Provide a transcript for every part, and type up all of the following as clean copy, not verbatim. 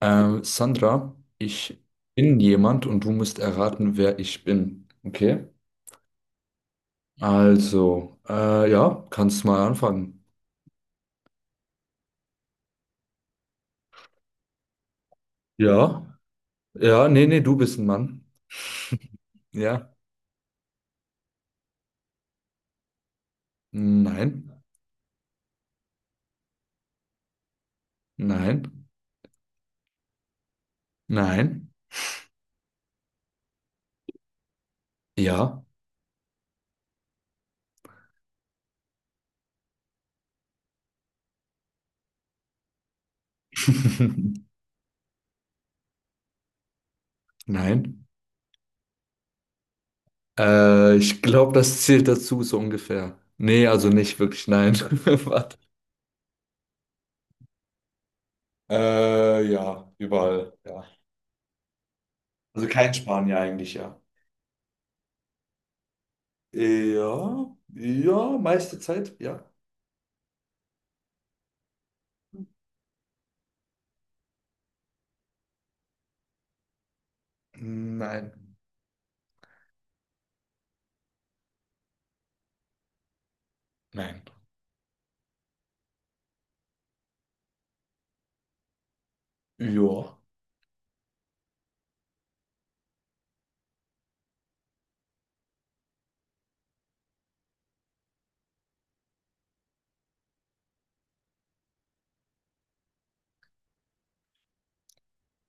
Sandra, ich bin jemand und du musst erraten, wer ich bin. Okay? Also, ja, kannst mal anfangen. Ja, ja, nee, nee, du bist ein Mann. Ja, nein, nein, nein, ja, nein. Ich glaube, das zählt dazu so ungefähr. Nee, also nicht wirklich, nein. Warte. Ja, überall, ja. Also kein Spanier eigentlich, ja. Ja, ja, meiste Zeit, ja. Nein, nein. Ja,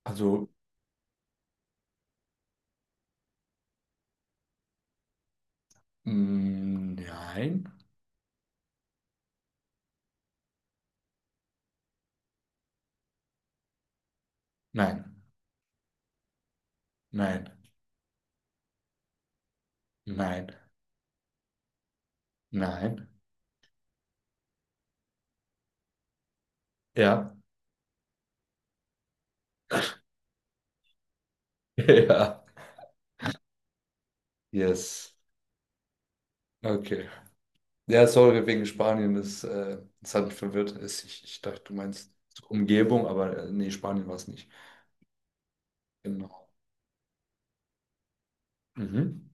also, mm, nein, nein, nein, nein, nein. Ja, ja, yes. Okay. Ja, sorry, wegen Spanien, es hat mich verwirrt. Ich dachte, du meinst Umgebung, aber nee, Spanien war es nicht. Genau. Mhm.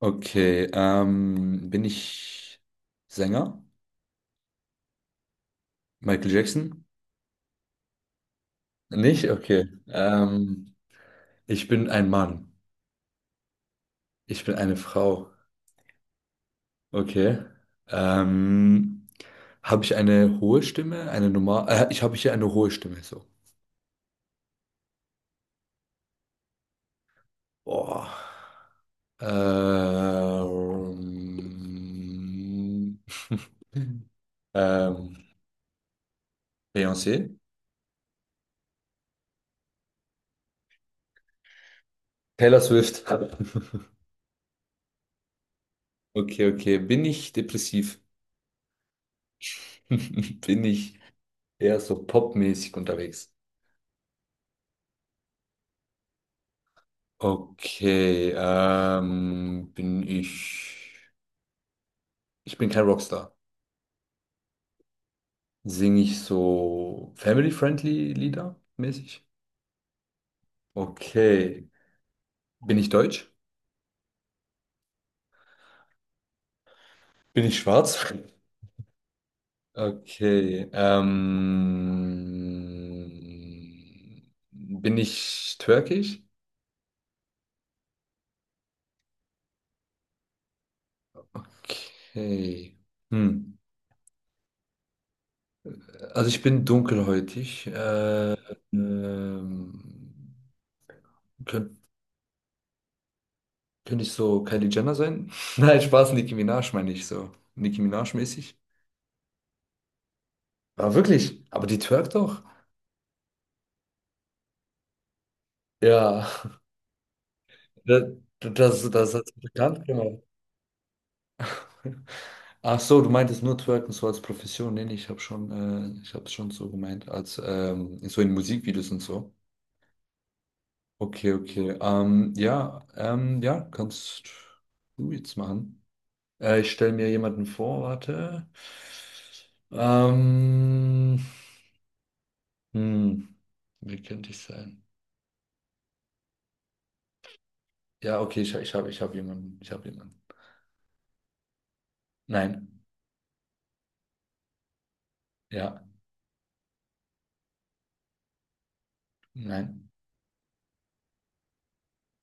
Okay, bin ich Sänger? Michael Jackson? Nicht? Okay. Ich bin ein Mann. Ich bin eine Frau. Okay. Ähm, habe ich eine hohe Stimme? Eine normal? Ich habe hier eine hohe Stimme. So. Boah. Ähm, ähm, Beyoncé? Taylor Swift. Okay, okay. Bin ich depressiv? Bin ich eher so popmäßig unterwegs? Okay. Bin ich. Ich bin kein Rockstar. Singe ich so family-friendly Lieder mäßig? Okay. Bin ich deutsch? Bin ich schwarz? Okay. Bin ich türkisch? Okay. Hm. Also ich bin dunkelhäutig. Ähm, könnt, könnte ich so Kylie Jenner sein? Nein, Spaß, Nicki Minaj meine ich so. Nicki Minaj mäßig. Ah, wirklich? Aber die twerkt doch. Ja. Das, das hat bekannt gemacht. Ach so, du meintest nur Twerken so als Profession. Nee, nee, ich habe schon, ich habe es schon so gemeint, als so in Musikvideos und so. Okay, okay. Ja, kannst du jetzt machen. Ich stelle mir jemanden vor, warte. Ähm, hm, wie könnte ich sein? Ja, okay, ich habe ich hab jemanden. Ich habe jemanden. Nein. Ja. Nein.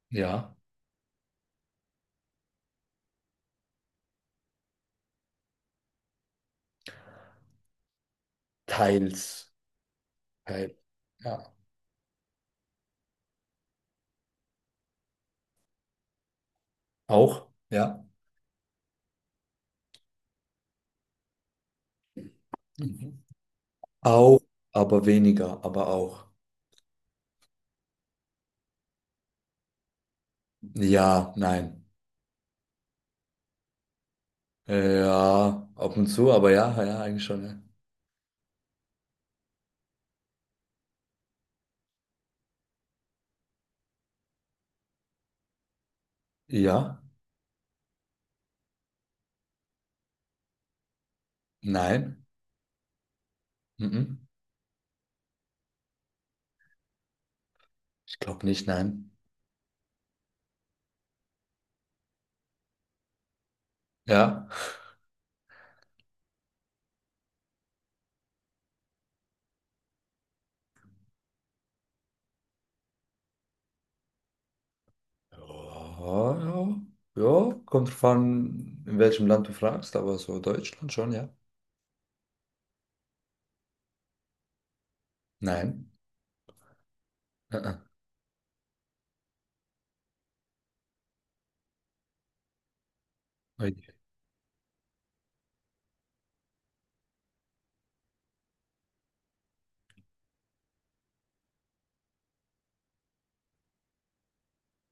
Ja. Teils. Geil. Ja. Auch, ja. Mhm. Auch, aber weniger, aber auch. Ja, nein. Ja, ab und zu, aber ja, ja, eigentlich schon. Ja, ja, nein. Mhm. Ich glaube nicht, nein. Ja. Ja, ja. Ja, kommt drauf an, in welchem Land du fragst, aber so Deutschland schon, ja. Nein. Äh, äh.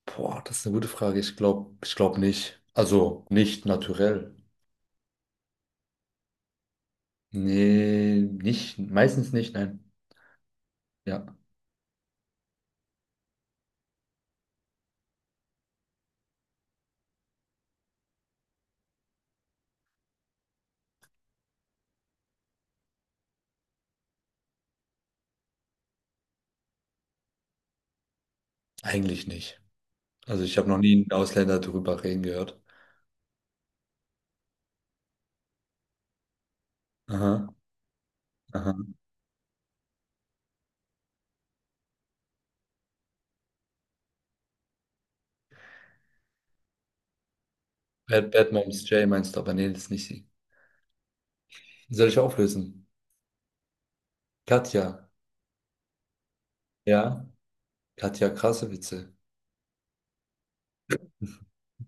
Boah, das ist eine gute Frage. Ich glaube nicht. Also nicht naturell. Nee, nicht, meistens nicht, nein. Ja, eigentlich nicht. Also ich habe noch nie einen Ausländer darüber reden gehört. Aha, aha. Bad, Bad Moms Jay meinst du, aber nee, das ist nicht sie. Soll ich auflösen? Katja. Ja, Katja, krasse Witze.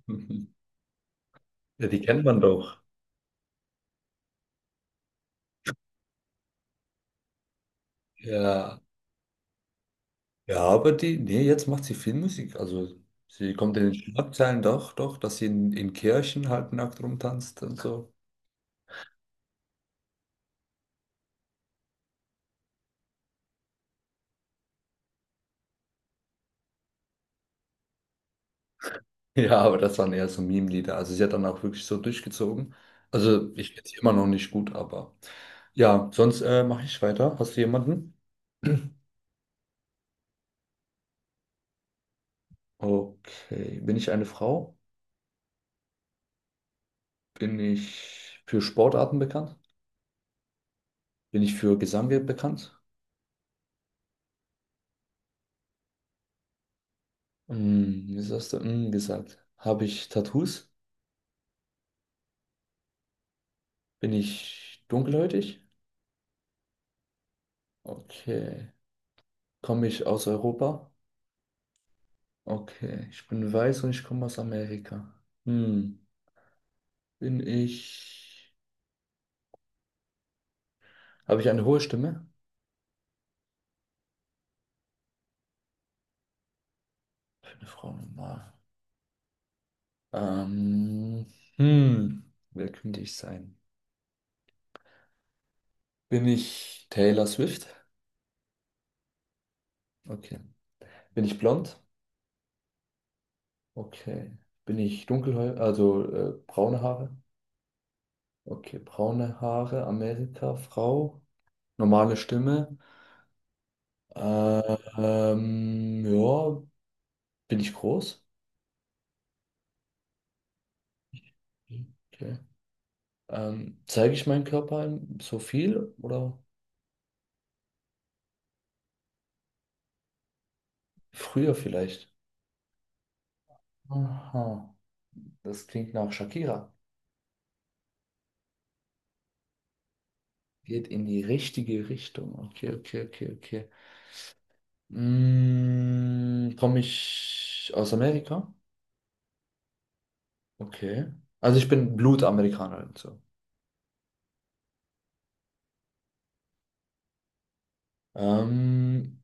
Ja, die kennt man doch. Ja, ja, aber die, nee, jetzt macht sie viel Musik. Also sie kommt in den Schlagzeilen doch, doch, dass sie in Kirchen halt nackt rumtanzt und so. Ja, aber das waren eher so Meme-Lieder. Also sie hat dann auch wirklich so durchgezogen. Also ich kenne sie immer noch nicht gut, aber ja, sonst mache ich weiter. Hast du jemanden? Okay. Bin ich eine Frau? Bin ich für Sportarten bekannt? Bin ich für Gesang bekannt? Hm, was hast du hm, gesagt? Habe ich Tattoos? Bin ich dunkelhäutig? Okay. Komme ich aus Europa? Okay. Ich bin weiß und ich komme aus Amerika. Hm, bin ich... Habe ich eine hohe Stimme? Eine Frau normal. Ähm, hm, wer könnte ich sein? Bin ich Taylor Swift? Okay. Bin ich blond? Okay. Bin ich dunkelhäutig, also braune Haare? Okay, braune Haare, Amerika, Frau, normale Stimme. Ja, bin ich groß? Okay. Zeige ich meinen Körper so viel oder früher vielleicht? Aha, das klingt nach Shakira. Geht in die richtige Richtung. Okay, okay, okay, okay. Mm, komme ich aus Amerika? Okay. Also ich bin Blutamerikaner und so. Ähm,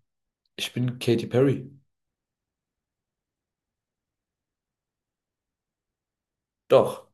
ich bin Katy Perry. Doch.